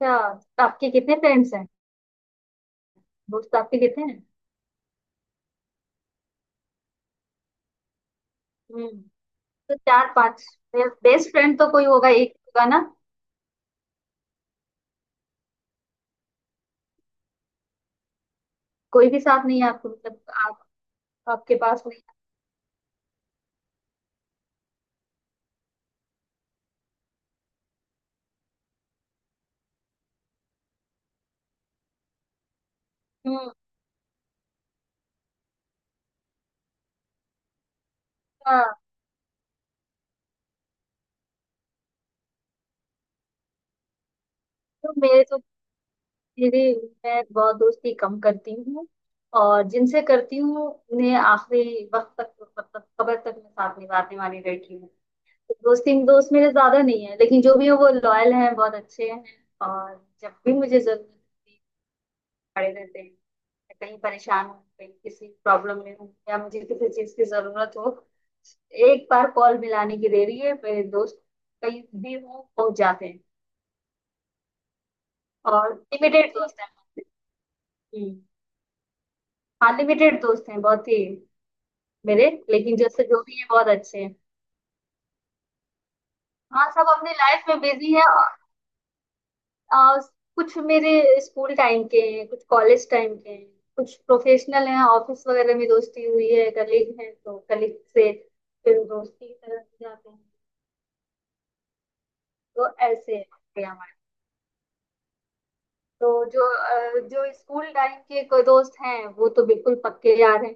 अच्छा, तो आपके कितने फ्रेंड्स हैं? दोस्त आपके कितने हैं? हम्म। तो चार पांच बेस्ट फ्रेंड तो कोई होगा, एक होगा ना। कोई भी साथ नहीं है आपको मतलब? आप आपके पास नहीं है। हम्म। हाँ। तो मेरे तो मेरी मैं बहुत दोस्ती कम करती हूँ और जिनसे करती हूँ उन्हें आखिरी वक्त तक मतलब कब्र तक मैं साथ निभाने वाली लड़की हूँ। तो दोस्त मेरे ज्यादा नहीं है लेकिन जो भी है वो लॉयल हैं, बहुत अच्छे हैं। और जब भी मुझे जरूरत होती है खड़े रहते हैं। कहीं परेशान हूँ, कहीं किसी प्रॉब्लम में हूँ या मुझे किसी चीज की जरूरत हो, एक बार कॉल मिलाने की देरी है, मेरे दोस्त कहीं भी हो पहुंच जाते हैं। और लिमिटेड दोस्त हैं। हम्म। हाँ लिमिटेड दोस्त हैं बहुत ही मेरे, लेकिन जैसे जो भी है बहुत अच्छे हैं। हाँ सब अपनी लाइफ में बिजी है। आ, कुछ मेरे स्कूल टाइम के हैं, कुछ कॉलेज टाइम के हैं, कुछ प्रोफेशनल हैं। ऑफिस वगैरह में दोस्ती हुई है, कलीग हैं तो कलीग से फिर दोस्ती की तरह जाते हैं। तो ऐसे थे हमारे। तो जो स्कूल टाइम के कोई दोस्त हैं वो तो बिल्कुल पक्के यार हैं।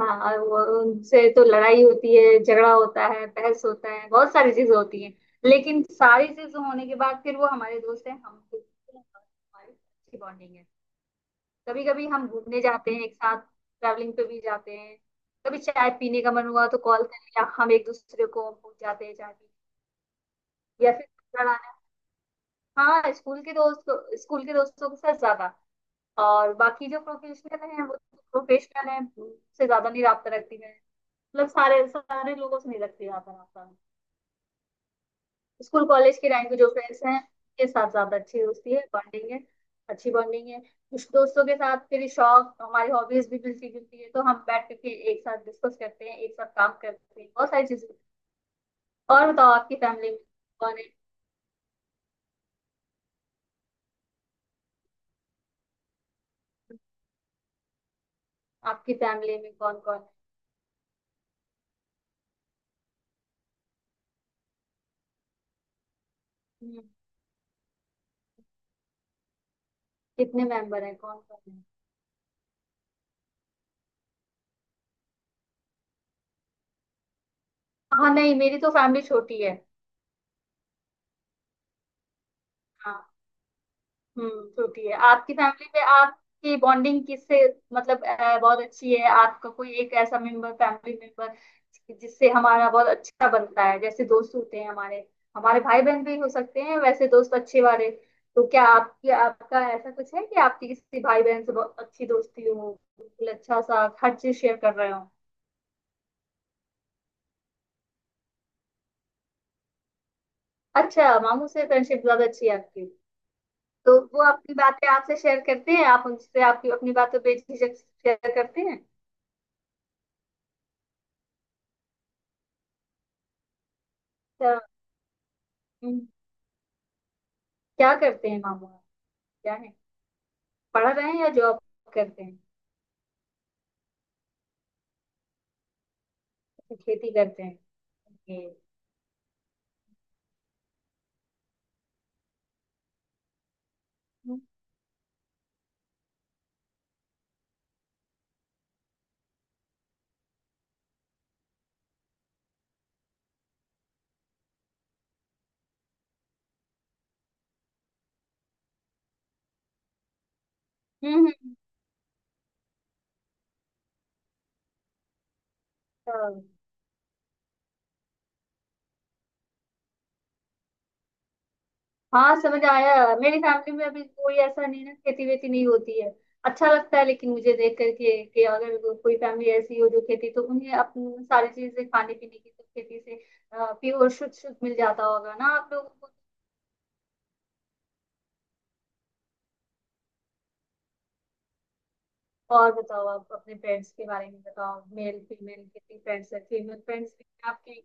हाँ और उनसे तो लड़ाई होती है, झगड़ा होता है, बहस होता है, बहुत सारी चीजें होती हैं। लेकिन सारी चीजें होने के बाद फिर वो हमारे दोस्त हैं, हम बिल्कुल हमारी अच्छी बॉन्डिंग है। कभी कभी हम घूमने जाते हैं एक साथ, ट्रैवलिंग पे भी जाते हैं। कभी चाय पीने का मन हुआ तो कॉल कर लिया, हम एक दूसरे को पूछ जाते हैं चाय पीने या फिर लड़ाने। हाँ स्कूल के दोस्त, स्कूल के दोस्तों के साथ ज्यादा। और बाकी जो प्रोफेशनल हैं वो तो प्रोफेशनल हैं, उससे ज्यादा नहीं रबता रखती मैं। मतलब सारे सारे लोगों से नहीं रखती ज्यादा रबता। स्कूल कॉलेज के टाइम के जो फ्रेंड्स हैं उनके साथ ज्यादा अच्छी दोस्ती है, बॉन्डिंग है। अच्छी बॉन्डिंग है कुछ दोस्तों के साथ, मेरी शौक हमारी हॉबीज भी मिलती जुलती है, तो हम बैठ करके एक साथ डिस्कस करते हैं, एक साथ काम करते हैं बहुत सारी चीजें। और बताओ आपकी फैमिली में कौन है? आपकी फैमिली में कौन कौन है? हम्म। कितने मेंबर हैं, कौन कौन है? हाँ नहीं मेरी तो फैमिली छोटी है। हाँ। हम्म। छोटी है। आपकी फैमिली में आपकी बॉन्डिंग किससे मतलब बहुत अच्छी है? आपका कोई एक ऐसा मेंबर, फैमिली मेंबर जिससे हमारा बहुत अच्छा बनता है, जैसे दोस्त होते हैं हमारे, हमारे भाई बहन भी हो सकते हैं वैसे दोस्त अच्छे वाले। तो क्या आपकी, आपका ऐसा कुछ है कि आपकी किसी भाई बहन से बहुत अच्छी दोस्ती हो, बिल्कुल अच्छा सा हर चीज शेयर कर रहे हो? अच्छा, मामू से फ्रेंडशिप ज्यादा अच्छी है आपकी। तो वो अपनी बातें आपसे शेयर करते हैं, आप उनसे आपकी अपनी बातें बेझिझक शेयर करते हैं? अच्छा। हम्म। क्या करते हैं मामू आप? क्या है, पढ़ रहे हैं या जॉब करते हैं? अच्छा, खेती करते हैं। ओके। हम्म। हम्म। तो- हाँ समझ आया। मेरी फैमिली में अभी कोई ऐसा नहीं ना, खेती वेती नहीं होती है। अच्छा लगता है लेकिन मुझे देख करके कि अगर कोई फैमिली ऐसी हो जो खेती, तो उन्हें अपनी सारी चीजें खाने पीने की तो खेती से प्योर, शुद्ध शुद्ध मिल जाता होगा ना आप लोगों को। और बताओ आप अपने फ्रेंड्स के बारे में बताओ, मेल फीमेल कितनी फ्रेंड्स है, फीमेल फ्रेंड्स भी हैं आपके?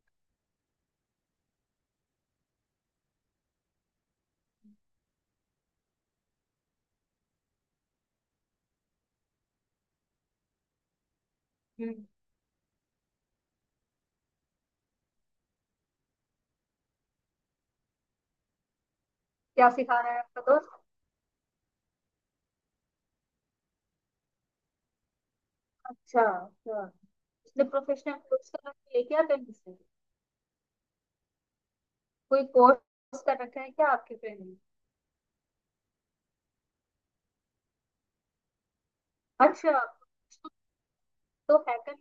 हम्म। क्या सिखा रहा है आपका? अच्छा अच्छा। उसने प्रोफेशनल कोर्स कर रखा है क्या कहीं से, कोई कोर्स कर रखा है क्या आपके फ्रेंड ने? अच्छा। तो हैकर।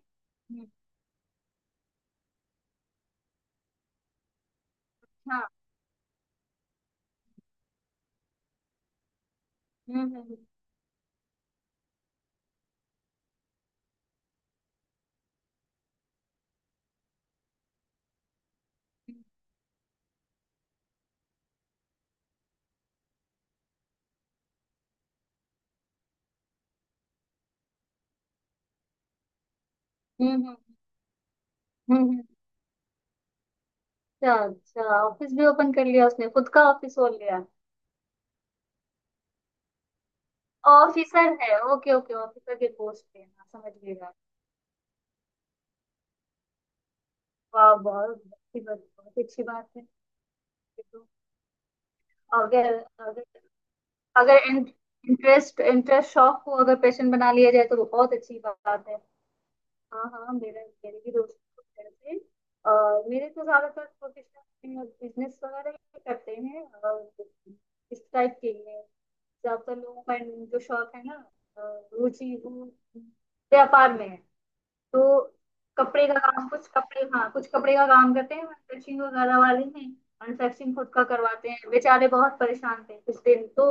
हाँ। हम्म। हम्म। हम्म। हम्म। हम्म। हम्म। हम्म। अच्छा अच्छा, ऑफिस भी ओपन कर लिया उसने, खुद का ऑफिस खोल लिया? ऑफिसर है। ओके ओके, ऑफिसर के पोस्ट पे है, हाँ समझ लिया। वाह, बहुत अच्छी बात, बहुत अच्छी बात है ये तो। अगर अगर अगर इंटरेस्ट इंटरेस्ट शौक को अगर पैशन बना लिया जाए तो वो बहुत अच्छी बात है। हाँ हाँ, मेरा मेरे भी दोस्त लोग हैं ऐसे। मेरे तो ज्यादातर प्रोफेशनल बिजनेस वगैरह ही करते हैं और इस टाइप के ही हैं। ज्यादातर लोगों का जो शौक है ना, रुचि वो व्यापार में है। तो कपड़े का काम, कुछ कपड़े, हाँ कुछ कपड़े का काम करते हैं, मैन्युफैक्चरिंग वगैरह वाले हैं। मैन्युफैक्चरिंग खुद का करवाते हैं, बेचारे बहुत परेशान थे कुछ दिन तो।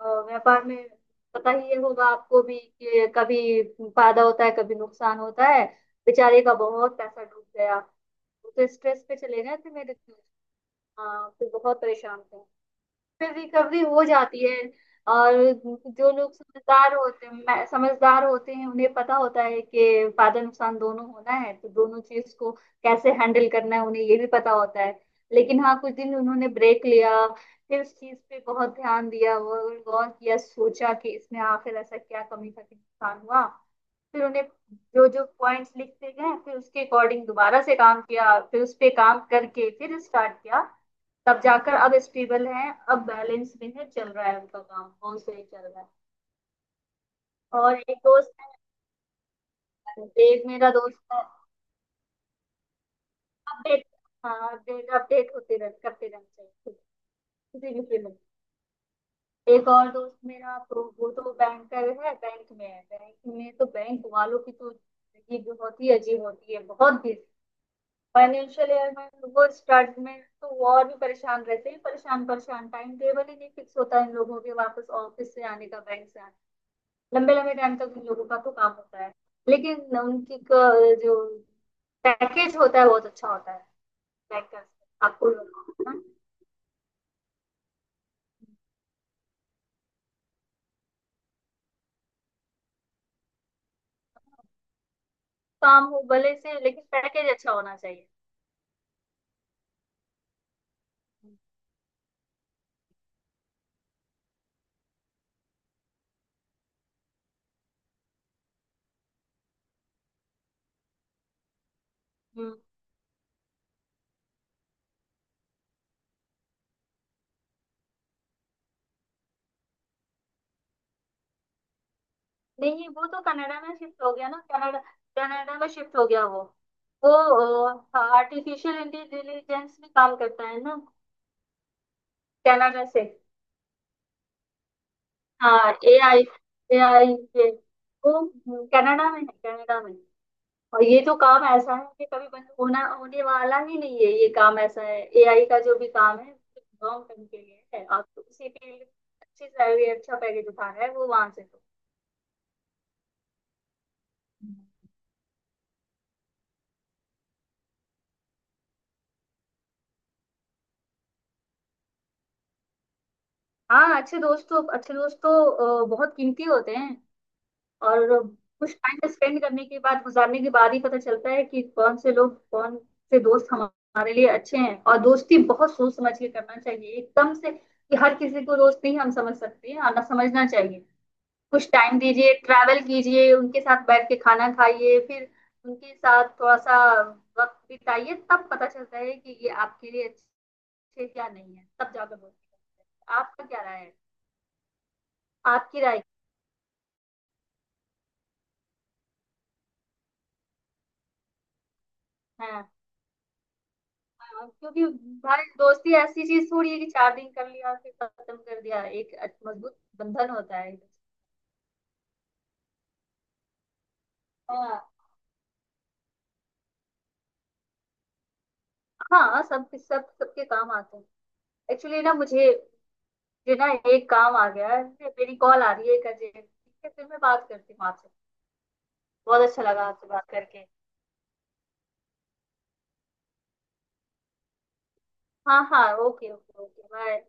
व्यापार में पता ही ये होगा आपको भी कि कभी फायदा होता है, कभी नुकसान होता है। बेचारे का बहुत पैसा डूब गया, वो तो स्ट्रेस पे चले गए थे मेरे। हाँ फिर बहुत परेशान थे। फिर रिकवरी हो जाती है। और जो लोग समझदार होते हैं, समझदार होते हैं उन्हें पता होता है कि फायदा नुकसान दोनों होना है, तो दोनों चीज को कैसे हैंडल करना है उन्हें ये भी पता होता है। लेकिन हाँ कुछ दिन उन्होंने ब्रेक लिया, फिर इस चीज पे बहुत ध्यान दिया, वो गौर किया, सोचा कि इसमें आखिर ऐसा क्या कमी था कि नुकसान हुआ, फिर उन्हें जो जो पॉइंट्स लिखते गए फिर उसके अकॉर्डिंग दोबारा से काम किया, फिर उस पे काम करके फिर स्टार्ट किया। तब जाकर अब स्टेबल है, अब बैलेंस में है, चल रहा है उनका काम बहुत सही चल रहा है। और एक दोस्त है, देव मेरा दोस्त है। अपडेट, हाँ अपडेट अपडेट होते रह करते रहना चाहिए खुद, किसी भी फील्ड में। एक और दोस्त मेरा, तो वो तो बैंकर है, बैंक में है। बैंक में तो बैंक वालों की तो जिंदगी बहुत ही अजीब होती है, बहुत ही। फाइनेंशियल ईयर में वो स्टार्ट में तो वो और भी परेशान रहते हैं, परेशान परेशान टाइम टेबल ही नहीं फिक्स होता इन लोगों के वापस ऑफिस से आने का, बैंक से आने। लंबे लंबे टाइम तक उन लोगों का तो काम होता है। लेकिन उनकी जो पैकेज होता है बहुत अच्छा होता है, पैकेज। आपको ना, काम हो भले से लेकिन पैकेज अच्छा होना चाहिए। हम्म। नहीं वो तो कनाडा में शिफ्ट हो गया ना, कनाडा। कनाडा में शिफ्ट हो गया वो। वो आर्टिफिशियल इंटेलिजेंस में काम करता है ना। कनाडा से। हाँ ए आई, ए आई के वो, कनाडा में है, कनाडा में। और ये तो काम ऐसा है कि कभी बंद होना, होने वाला ही नहीं है। ये काम ऐसा है, एआई का जो भी काम है लॉन्ग टर्म के लिए है, आप तो उसी के लिए अच्छी सैलरी, अच्छा पैकेज उठा रहा है वो वहां से तो। हाँ अच्छे दोस्त तो बहुत कीमती होते हैं। और कुछ टाइम स्पेंड करने के बाद, गुजारने के बाद ही पता चलता है कि कौन से लोग, कौन से दोस्त हमारे लिए अच्छे हैं, और दोस्ती बहुत सोच समझ के करना चाहिए, एकदम से कि हर किसी को दोस्त नहीं, हम समझ सकते हैं, आना समझना चाहिए। कुछ टाइम दीजिए, ट्रैवल कीजिए उनके साथ, बैठ के खाना खाइए, फिर उनके साथ थोड़ा सा वक्त बिताइए, तब पता चलता है कि ये आपके लिए अच्छे क्या नहीं है, तब जाकर बोल सकते हैं। आपका क्या राय है, आपकी राय क्या है? हाँ। हाँ, क्योंकि भाई दोस्ती ऐसी चीज थोड़ी है कि 4 दिन कर लिया फिर खत्म कर दिया, एक अच्छा- मजबूत बंधन होता है। हाँ, हाँ सब सब सबके काम आते हैं। एक्चुअली ना मुझे, मुझे ना एक काम आ गया है, मेरी कॉल आ रही है एक अर्जेंट, ठीक है फिर मैं बात करती हूँ आपसे। बहुत अच्छा लगा आपसे बात करके। हाँ हाँ, ओके ओके ओके, बाय।